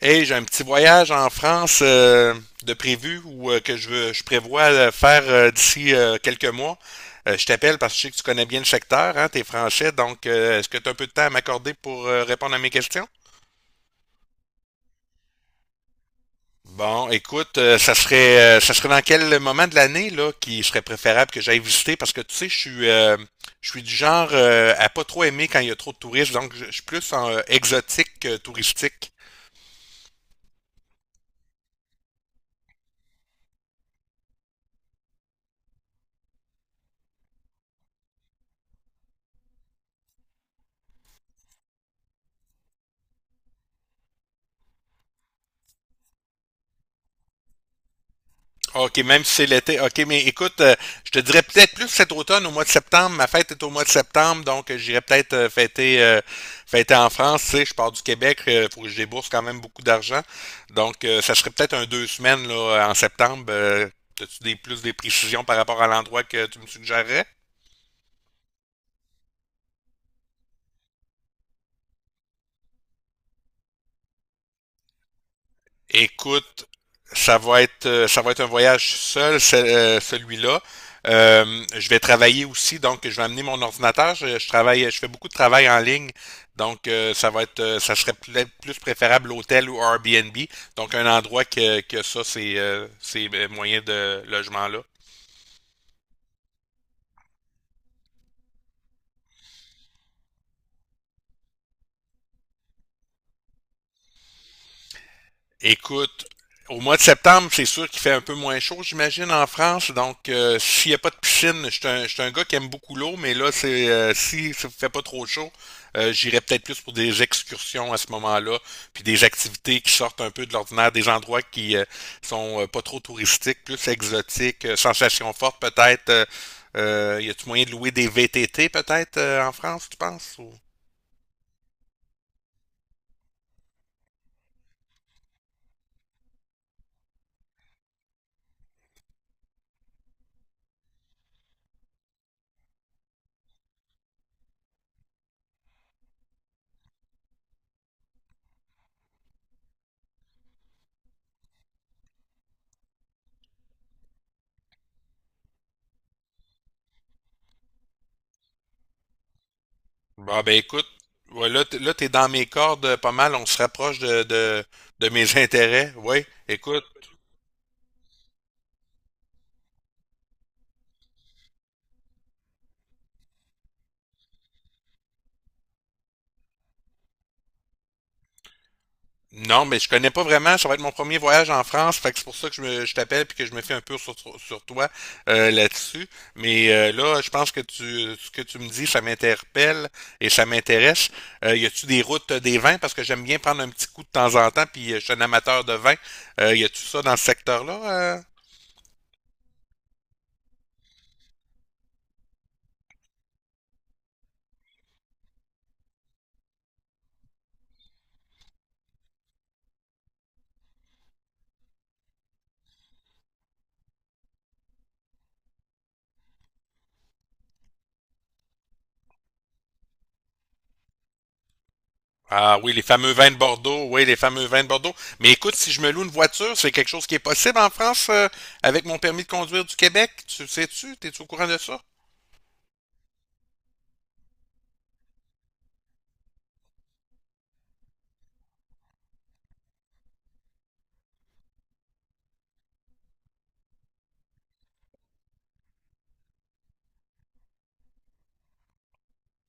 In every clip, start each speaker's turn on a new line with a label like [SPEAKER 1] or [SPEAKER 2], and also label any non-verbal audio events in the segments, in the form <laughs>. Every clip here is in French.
[SPEAKER 1] Hey, j'ai un petit voyage en France de prévu ou que je, je prévois faire d'ici quelques mois. Je t'appelle parce que je sais que tu connais bien le secteur, hein, t'es français, donc est-ce que tu as un peu de temps à m'accorder pour répondre à mes questions? Bon, écoute, ça serait dans quel moment de l'année là qui serait préférable que j'aille visiter parce que tu sais, je suis du genre à pas trop aimer quand il y a trop de touristes, donc je suis plus en exotique que touristique. OK, même si c'est l'été. OK, mais écoute, je te dirais peut-être plus cet automne, au mois de septembre. Ma fête est au mois de septembre, donc j'irai peut-être fêter en France. Tu sais, je pars du Québec, il faut que je débourse quand même beaucoup d'argent. Donc, ça serait peut-être un deux semaines là, en septembre. As-tu des, plus des précisions par rapport à l'endroit que tu me suggérerais? Écoute, ça va être un voyage seul, celui-là. Je vais travailler aussi, donc je vais amener mon ordinateur. Je travaille, je fais beaucoup de travail en ligne, donc ça serait plus préférable l'hôtel ou Airbnb, donc un endroit que ça, c'est ces moyens de logement là. Écoute, au mois de septembre, c'est sûr qu'il fait un peu moins chaud, j'imagine, en France. Donc, s'il n'y a pas de piscine, je suis un gars qui aime beaucoup l'eau, mais là, c'est si ça ne fait pas trop chaud, j'irai peut-être plus pour des excursions à ce moment-là, puis des activités qui sortent un peu de l'ordinaire, des endroits qui sont pas trop touristiques, plus exotiques, sensations fortes peut-être. Y a-tu moyen de louer des VTT peut-être en France, tu penses? Bon, ben écoute, ouais, là, t'es dans mes cordes pas mal, on se rapproche de mes <laughs> intérêts. Oui, écoute, non, mais je connais pas vraiment, ça va être mon premier voyage en France, fait que c'est pour ça que je t'appelle puis que je me fais un peu sur toi là-dessus. Mais là, je pense que tu, ce que tu me dis, ça m'interpelle et ça m'intéresse. Y a-tu des routes des vins? Parce que j'aime bien prendre un petit coup de temps en temps, puis je suis un amateur de vin. Y a-tu ça dans ce secteur-là? euh? Ah oui, les fameux vins de Bordeaux, oui, les fameux vins de Bordeaux. Mais écoute, si je me loue une voiture, c'est quelque chose qui est possible en France avec mon permis de conduire du Québec. Tu le sais-tu? T'es-tu au courant de ça?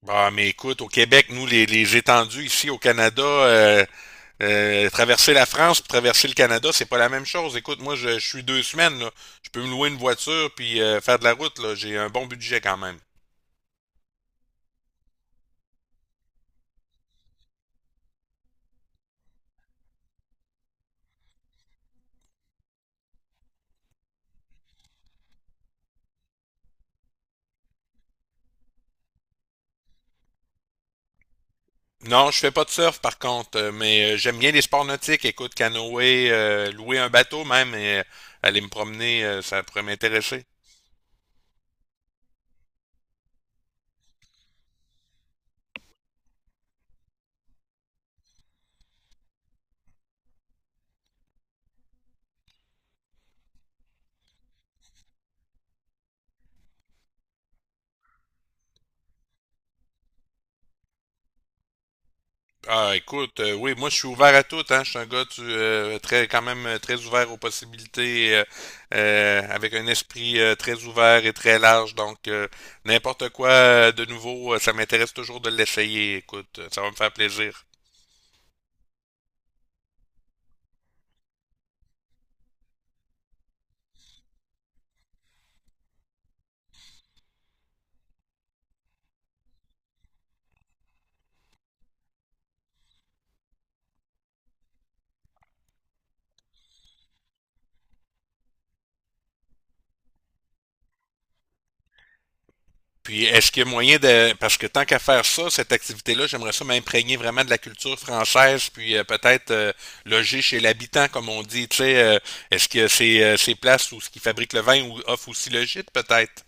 [SPEAKER 1] Bah, mais écoute, au Québec, nous, les étendues ici au Canada, traverser la France, puis traverser le Canada, c'est pas la même chose. Écoute, moi, je suis deux semaines, là. Je peux me louer une voiture puis faire de la route, là. J'ai un bon budget quand même. Non, je fais pas de surf par contre, mais j'aime bien les sports nautiques. Écoute, canoë, louer un bateau même et aller me promener, ça pourrait m'intéresser. Ah, écoute, oui, moi je suis ouvert à tout, hein. Je suis un gars tu, très, quand même très ouvert aux possibilités, avec un esprit très ouvert et très large. Donc, n'importe quoi de nouveau, ça m'intéresse toujours de l'essayer. Écoute, ça va me faire plaisir. Puis est-ce qu'il y a moyen de. Parce que tant qu'à faire ça, cette activité-là, j'aimerais ça m'imprégner vraiment de la culture française, puis peut-être loger chez l'habitant, comme on dit. Tu sais, est-ce que c'est ces places où ce qui fabrique le vin ou offre aussi le gîte, peut-être?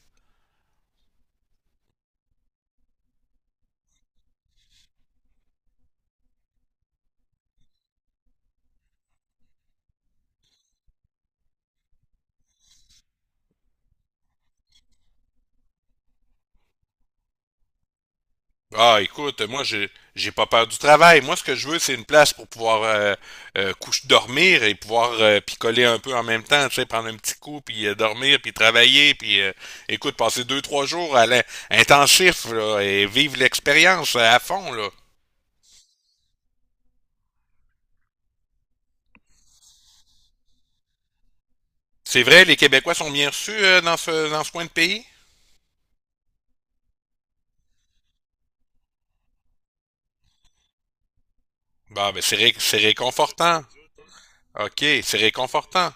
[SPEAKER 1] Ah, écoute, moi, j'ai pas peur du travail. Moi, ce que je veux, c'est une place pour pouvoir coucher, dormir et pouvoir picoler un peu en même temps, tu sais, prendre un petit coup, puis dormir, puis travailler, puis écoute, passer deux, trois jours à intensif là, et vivre l'expérience à fond, là. C'est vrai, les Québécois sont bien reçus dans ce coin de pays? Bah, ben, c'est réconfortant. OK, c'est réconfortant.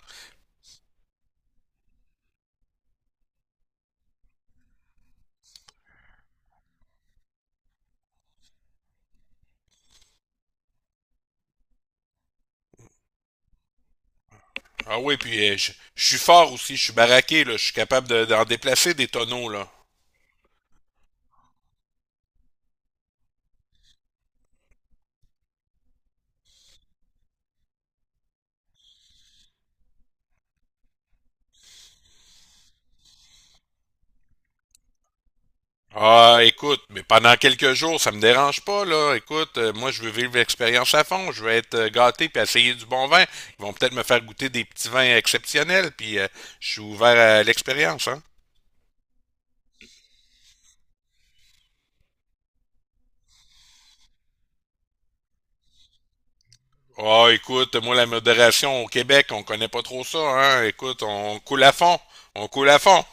[SPEAKER 1] Ah oui, puis je suis fort aussi, je suis baraqué, là, je suis capable d'en déplacer des tonneaux, là. Ah, écoute, mais pendant quelques jours, ça me dérange pas, là. Écoute, moi, je veux vivre l'expérience à fond. Je veux être gâté puis essayer du bon vin. Ils vont peut-être me faire goûter des petits vins exceptionnels, puis je suis ouvert à l'expérience, hein. Ah, écoute, moi, la modération au Québec, on connaît pas trop ça, hein. Écoute, on coule à fond. On coule à fond.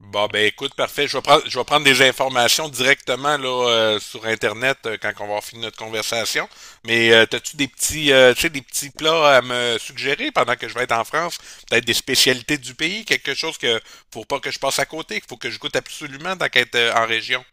[SPEAKER 1] Bon, ben, écoute, parfait. Je vais prendre des informations directement, là, sur Internet quand on va finir notre conversation. Mais, t'as-tu des petits, tu sais, des petits plats à me suggérer pendant que je vais être en France? Peut-être des spécialités du pays? Quelque chose que, faut pas que je passe à côté, qu'il faut que je goûte absolument tant qu'être en région.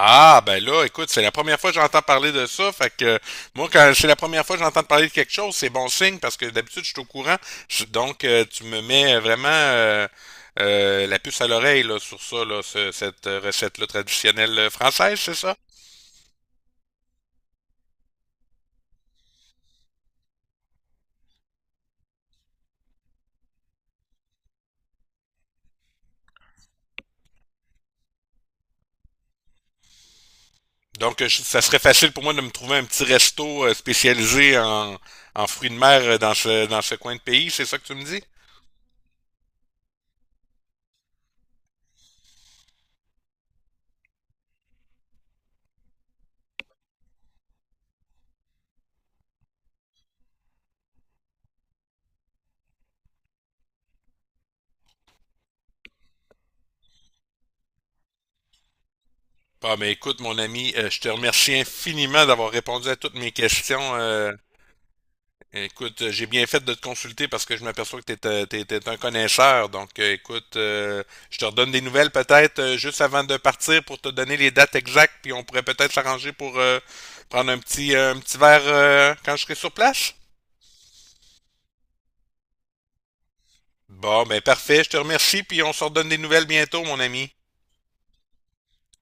[SPEAKER 1] Ah, ben là, écoute, c'est la première fois que j'entends parler de ça. Fait que moi, quand c'est la première fois que j'entends parler de quelque chose, c'est bon signe parce que d'habitude, je suis au courant. Donc, tu me mets vraiment la puce à l'oreille là, sur ça, là, cette recette-là traditionnelle française, c'est ça? Donc, ça serait facile pour moi de me trouver un petit resto spécialisé en, en fruits de mer dans ce coin de pays, c'est ça que tu me dis? Ah, mais écoute, mon ami, je te remercie infiniment d'avoir répondu à toutes mes questions. Écoute, j'ai bien fait de te consulter parce que je m'aperçois que t'es un connaisseur. Donc, écoute, je te redonne des nouvelles peut-être juste avant de partir pour te donner les dates exactes, puis on pourrait peut-être s'arranger pour prendre un petit verre quand je serai sur place. Bon, ben parfait, je te remercie, puis on se redonne des nouvelles bientôt, mon ami.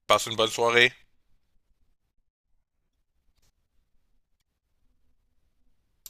[SPEAKER 1] Passe une bonne soirée.